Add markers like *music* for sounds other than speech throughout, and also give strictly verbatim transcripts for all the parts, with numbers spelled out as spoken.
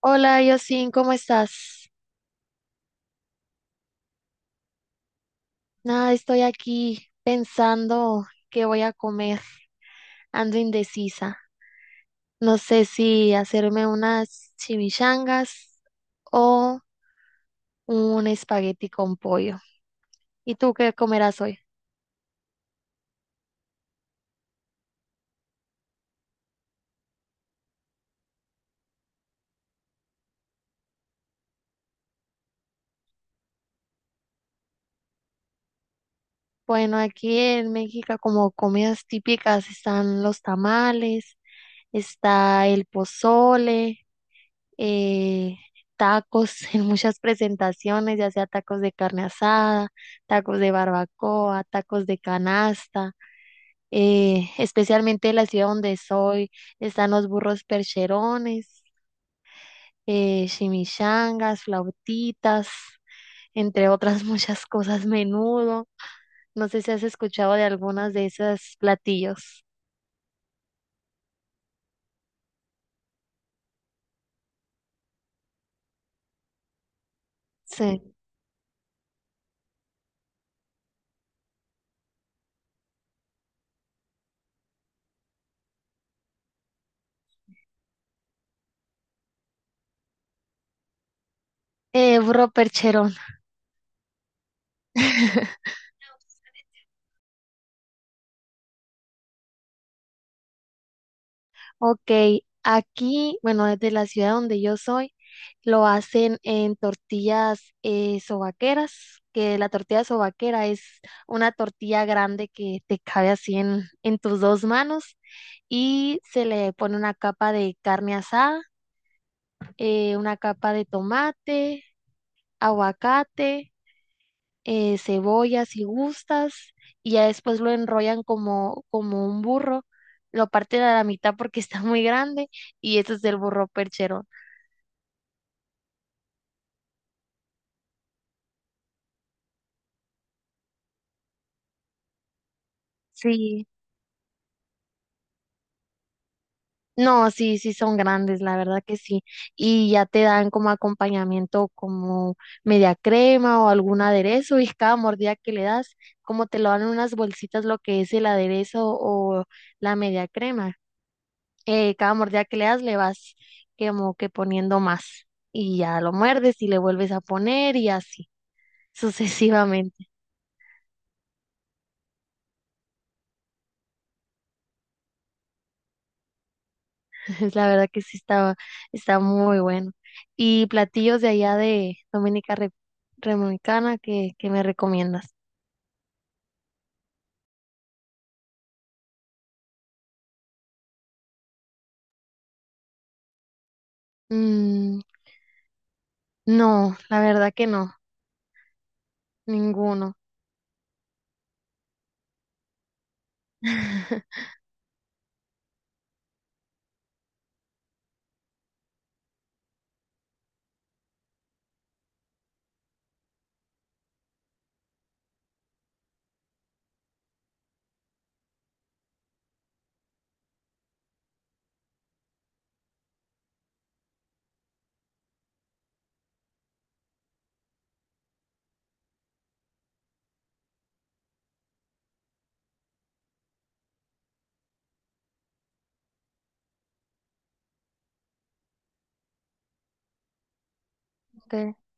Hola, Yosin, ¿cómo estás? Nada, estoy aquí pensando qué voy a comer. Ando indecisa. No sé si hacerme unas chimichangas o un espagueti con pollo. ¿Y tú qué comerás hoy? Bueno, aquí en México como comidas típicas están los tamales, está el pozole, eh, tacos *laughs* en muchas presentaciones, ya sea tacos de carne asada, tacos de barbacoa, tacos de canasta. Eh, especialmente en la ciudad donde soy, están los burros percherones, eh, chimichangas, flautitas, entre otras *laughs* muchas cosas, menudo. No sé si has escuchado de algunas de esos platillos. Sí. Eh, burro percherón. *laughs* Ok, aquí, bueno, desde la ciudad donde yo soy, lo hacen en tortillas eh, sobaqueras, que la tortilla sobaquera es una tortilla grande que te cabe así en, en tus dos manos y se le pone una capa de carne asada, eh, una capa de tomate, aguacate, eh, cebolla si gustas y ya después lo enrollan como, como un burro, lo parten a la mitad porque *laughs* está muy grande y ese es el burro percherón. Sí. No, sí, sí son grandes, la verdad que sí. Y ya te dan como acompañamiento como media crema o algún aderezo y cada mordida que le das, como te lo dan en unas bolsitas lo que es el aderezo o la media crema. Eh, cada mordida que le das le vas como que poniendo más y ya lo muerdes y le vuelves a poner y así *laughs* sucesivamente. *laughs* La verdad que sí estaba, está muy bueno. Y platillos de allá de Dominica Re- Dominicana que, que me recomiendas. Mm, no, la verdad que no, ninguno. *laughs* De- o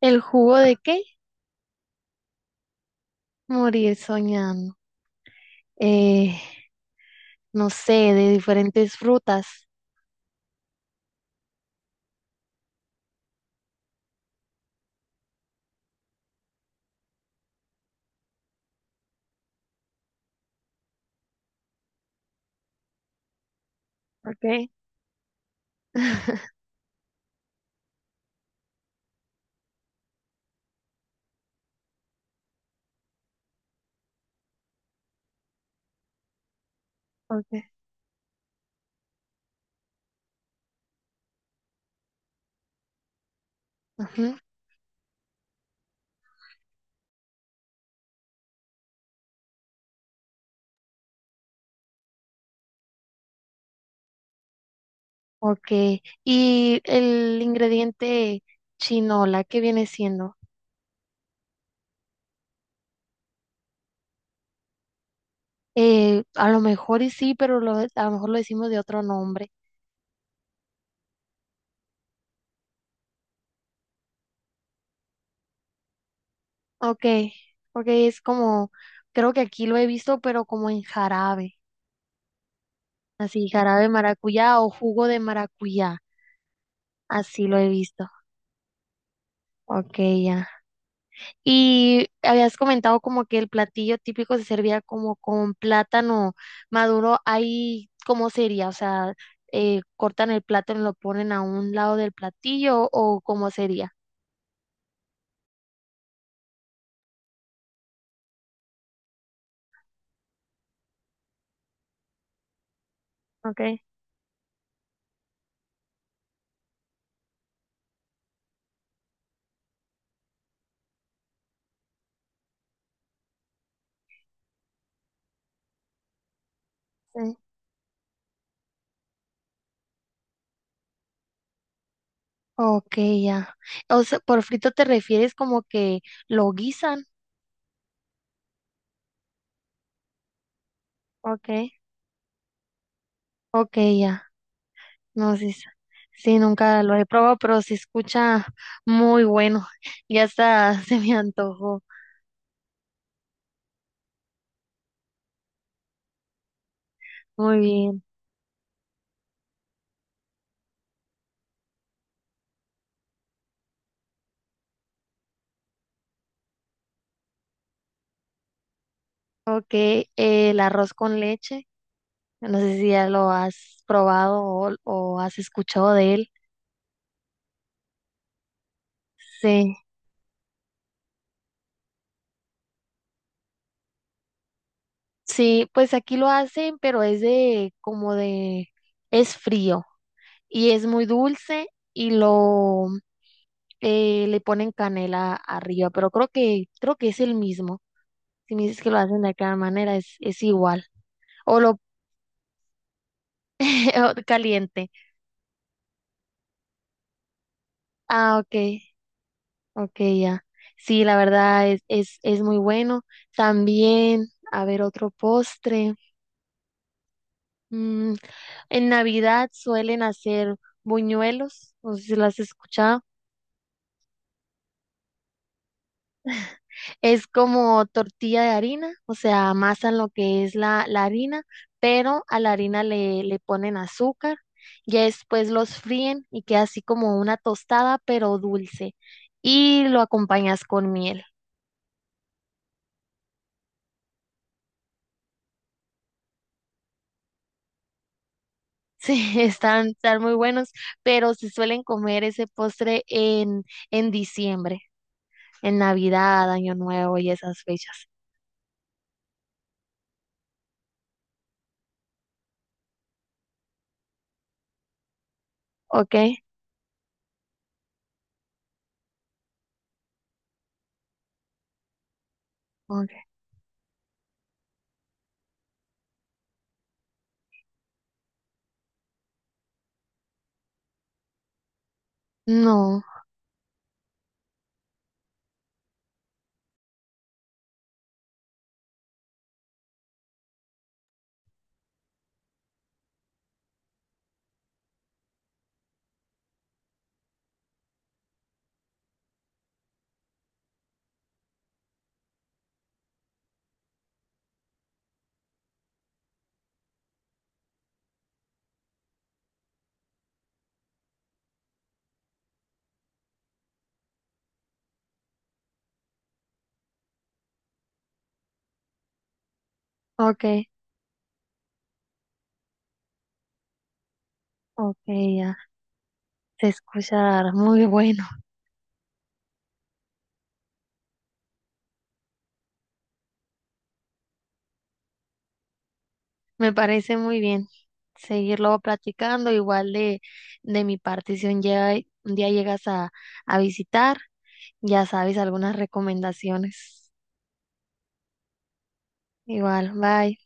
¿El jugo de qué? Morir soñando. Eh, no sé, de diferentes frutas. Okay. *laughs* Okay. Ujú. Okay. Y el ingrediente chinola, ¿qué viene siendo? Eh, a lo mejor y sí, pero lo- a lo mejor lo decimos de otro nombre. Ok, ok, es como, creo que aquí lo he visto, pero como en jarabe, así, jarabe de maracuyá o jugo de maracuyá, así lo he visto. Ok, ya. Y habías comentado como que el platillo típico se servía como con plátano maduro. Ahí, ¿cómo sería? O sea, eh, cortan el plátano y lo ponen a un lado del platillo o cómo sería. Ok, sí. Ok, ya. O sea, por frito te refieres como que lo guisan. Ok, ok, ya. No, sí, sí, sí, nunca lo he probado, pero se escucha muy bueno. Ya está, *laughs* se me antojó. Muy bien. Ok, eh, el arroz con leche. No sé si ya lo has probado o, o has escuchado de él. Sí, sí, pues aquí lo hacen, pero es de como de, es frío y es muy dulce y lo eh, le ponen canela arriba, pero creo que, creo que es el mismo. Si me dices que lo hacen de cada manera, es, es igual. O lo *laughs* o caliente. Ah, ok, ok, ya. Sí, la verdad es, es, es muy bueno. También, a ver, otro postre. Mm, en Navidad suelen hacer buñuelos, no sé si lo has escuchado. Es como tortilla de harina, o sea, amasan lo que es la, la harina, pero a la harina le, le ponen azúcar, ya después los fríen y queda así como una tostada, pero dulce, y lo acompañas con miel. *laughs* Sí, están, están muy buenos, pero se suelen comer ese postre en, en diciembre, en Navidad, Año Nuevo y esas fechas. ¿Ok? Ok. No, ok, ok, ya. Se escucha muy bueno. Me parece muy bien seguirlo platicando. Igual de, de mi parte, si un día, un día llegas a, a visitar, ya sabes algunas recomendaciones. Igual, bye.